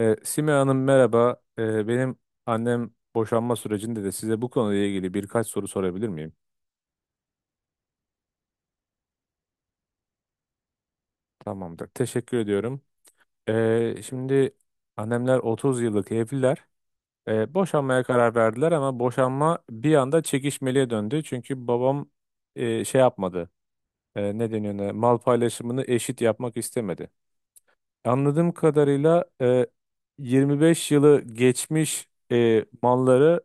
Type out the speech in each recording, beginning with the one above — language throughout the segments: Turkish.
Sime Hanım, merhaba. Benim annem boşanma sürecinde de size bu konuyla ilgili birkaç soru sorabilir miyim? Tamamdır. Teşekkür ediyorum. Şimdi annemler 30 yıllık evliler. Boşanmaya karar verdiler ama boşanma bir anda çekişmeliye döndü. Çünkü babam şey yapmadı. Ne deniyor ona? Mal paylaşımını eşit yapmak istemedi. Anladığım kadarıyla 25 yılı geçmiş malları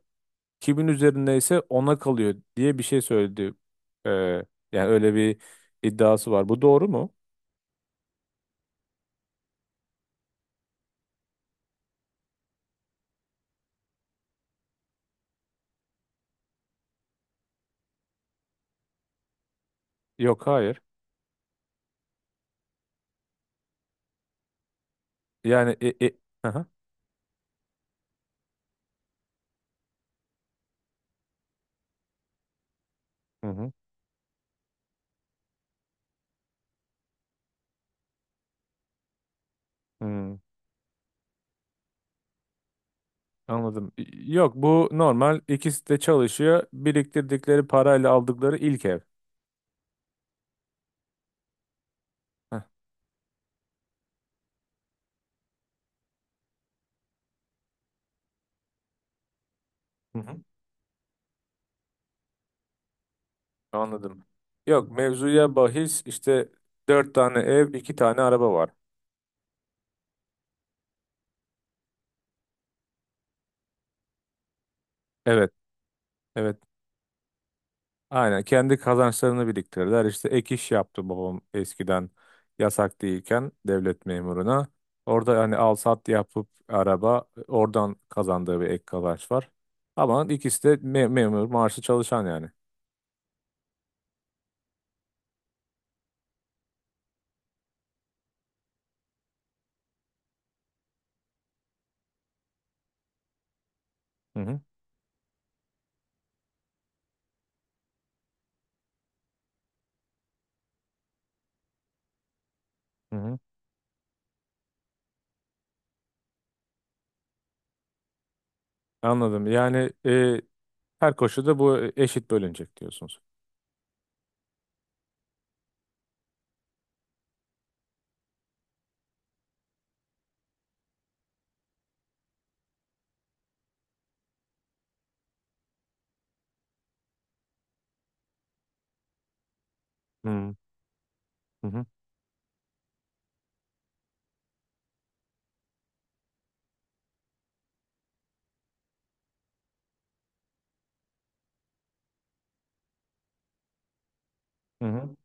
kimin üzerindeyse ona kalıyor diye bir şey söyledi. Ee, Yani öyle bir iddiası var. Bu doğru mu? Yok, hayır. Yani aha, hı hı. Hı. Anladım. Yok, bu normal. İkisi de çalışıyor. Biriktirdikleri parayla aldıkları ilk ev. Heh. Hı hı. Anladım. Yok, mevzuya bahis işte dört tane ev, iki tane araba var. Evet, evet. Aynen kendi kazançlarını biriktirirler. İşte ek iş yaptı babam eskiden yasak değilken devlet memuruna. Orada hani al sat yapıp araba oradan kazandığı bir ek kazanç var. Ama ikisi de memur maaşlı çalışan yani. Hı hı. Hı hı. Anladım. Yani her koşulda bu eşit bölünecek diyorsunuz. Hı hı. Hı hı. Hı hı.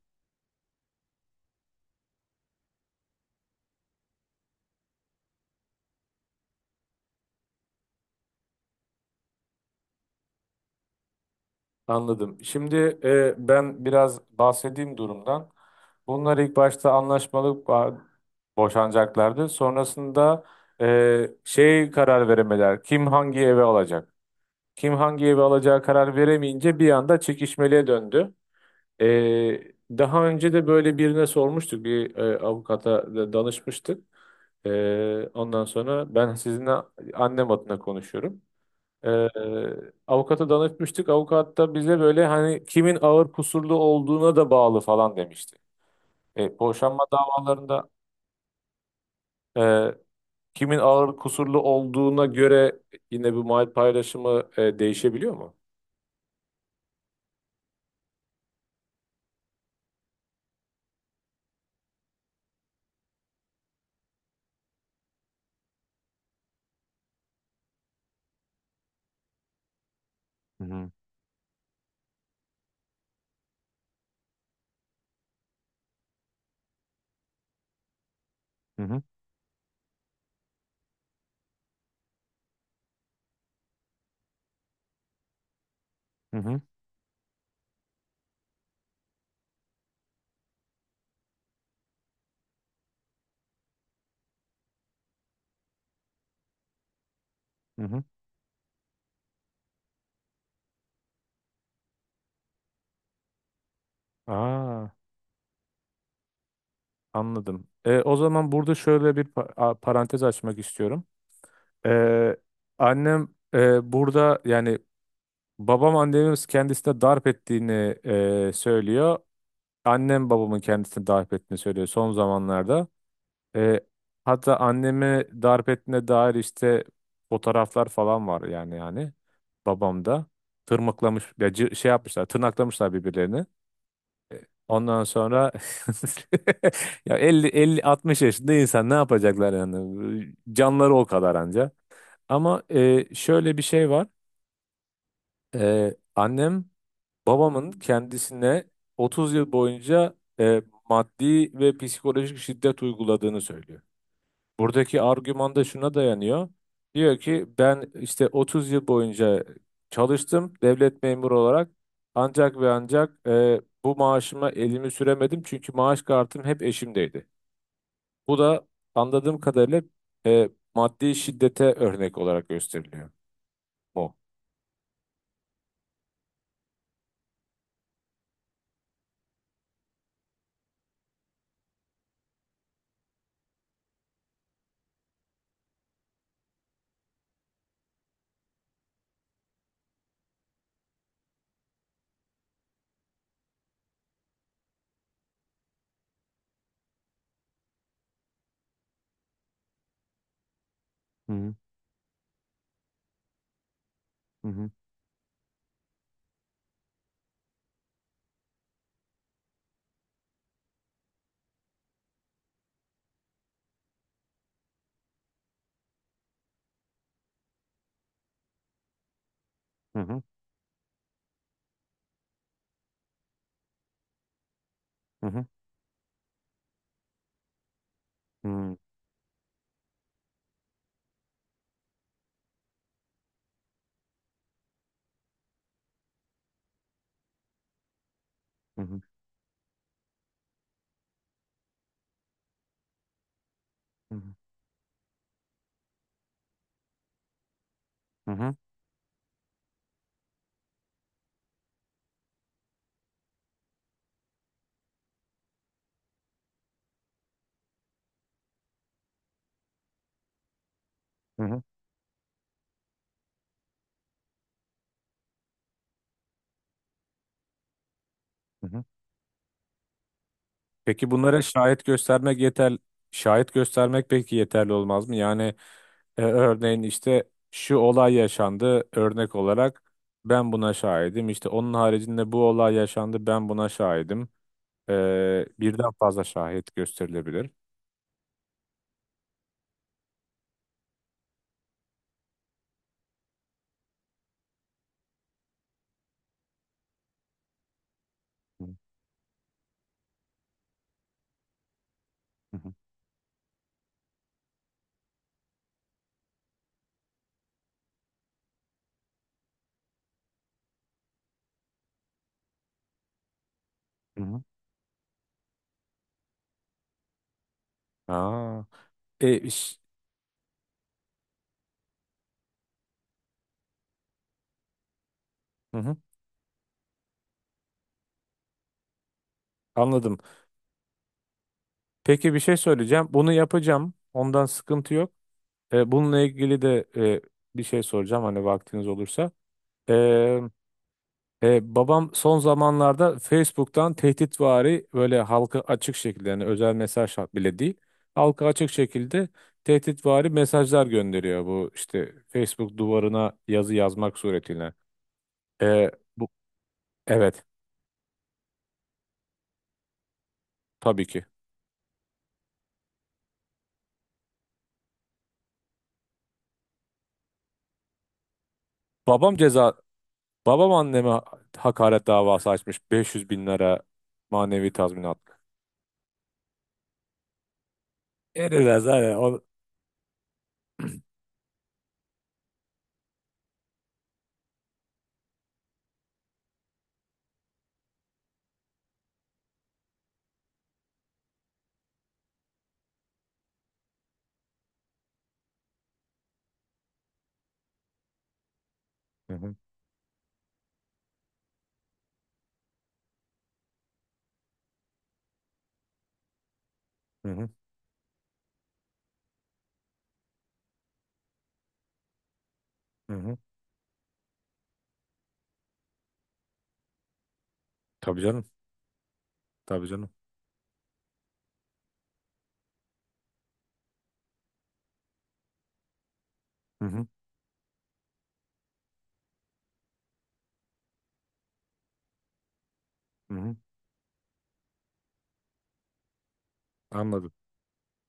Anladım. Şimdi ben biraz bahsedeyim durumdan. Bunlar ilk başta anlaşmalı boşanacaklardı. Sonrasında şey, karar veremediler. Kim hangi eve alacak? Kim hangi eve alacağı karar veremeyince bir anda çekişmeliğe döndü. E, Daha önce de böyle birine sormuştuk. Bir avukata da danışmıştık. Ondan sonra ben sizinle annem adına konuşuyorum. Ee, Avukata danışmıştık. Avukat da bize böyle hani kimin ağır kusurlu olduğuna da bağlı falan demişti. Boşanma davalarında e, kimin ağır kusurlu olduğuna göre yine bu mal paylaşımı değişebiliyor mu? Hı hı. Hı hı. Hı hı. Hı. Aa, anladım. O zaman burada şöyle bir parantez açmak istiyorum. E, Annem burada yani babam annemi kendisine darp ettiğini söylüyor. Annem babamın kendisini darp ettiğini söylüyor son zamanlarda. E, Hatta annemi darp ettiğine dair işte fotoğraflar falan var, yani babamda. Tırmıklamış ya, şey yapmışlar, tırnaklamışlar birbirlerini. Ondan sonra ya, elli, 50 60 yaşında insan ne yapacaklar yani, canları o kadar anca. Ama şöyle bir şey var. Annem, babamın kendisine 30 yıl boyunca e, maddi ve psikolojik şiddet uyguladığını söylüyor. Buradaki argüman da şuna dayanıyor. Diyor ki ben işte 30 yıl boyunca çalıştım devlet memuru olarak, ancak ve ancak bu maaşıma elimi süremedim çünkü maaş kartım hep eşimdeydi. Bu da anladığım kadarıyla e, maddi şiddete örnek olarak gösteriliyor. Mo. Hı hı. Hı hı. Hı hı. Hı hı. Hı hı. Hı hı. Hı hı. Hı hı. Hı hı. Peki bunlara şahit göstermek yeter, şahit göstermek peki yeterli olmaz mı? Yani örneğin işte şu olay yaşandı örnek olarak, ben buna şahidim. İşte onun haricinde bu olay yaşandı, ben buna şahidim. Birden fazla şahit gösterilebilir. Hı hı. Hı. Hı. Aa, e, iş- hı hı. Anladım. Peki bir şey söyleyeceğim. Bunu yapacağım. Ondan sıkıntı yok. Bununla ilgili de bir şey soracağım hani vaktiniz olursa. E, babam son zamanlarda Facebook'tan tehditvari, böyle halka açık şekilde, yani özel mesaj bile değil. Halka açık şekilde tehditvari mesajlar gönderiyor, bu işte Facebook duvarına yazı yazmak suretiyle. E, Bu, evet. Tabii ki. Babam ceza babam anneme hakaret davası açmış, 500 bin lira manevi tazminat. Eriler zaten o... Hı hı. Hı hı. Hı hı. Tabii canım. Tabii canım. Hı hı. Hı hı. Anladım.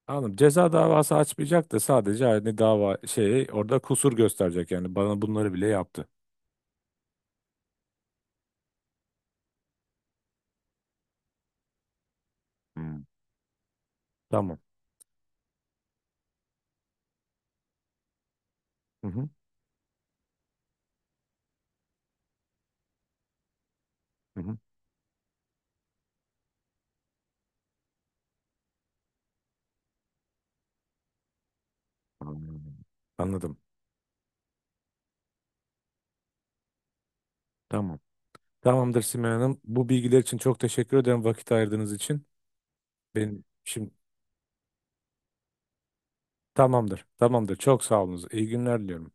Anladım. Ceza davası açmayacak da sadece hani dava, şey, orada kusur gösterecek, yani bana bunları bile yaptı. Hmm. Tamam. Hı hı. Hı hı. Anladım. Anladım. Tamam. Tamamdır, Simay Hanım. Bu bilgiler için çok teşekkür ederim, vakit ayırdığınız için. Benim şimdi tamamdır. Tamamdır. Çok sağ olunuz. İyi günler diliyorum.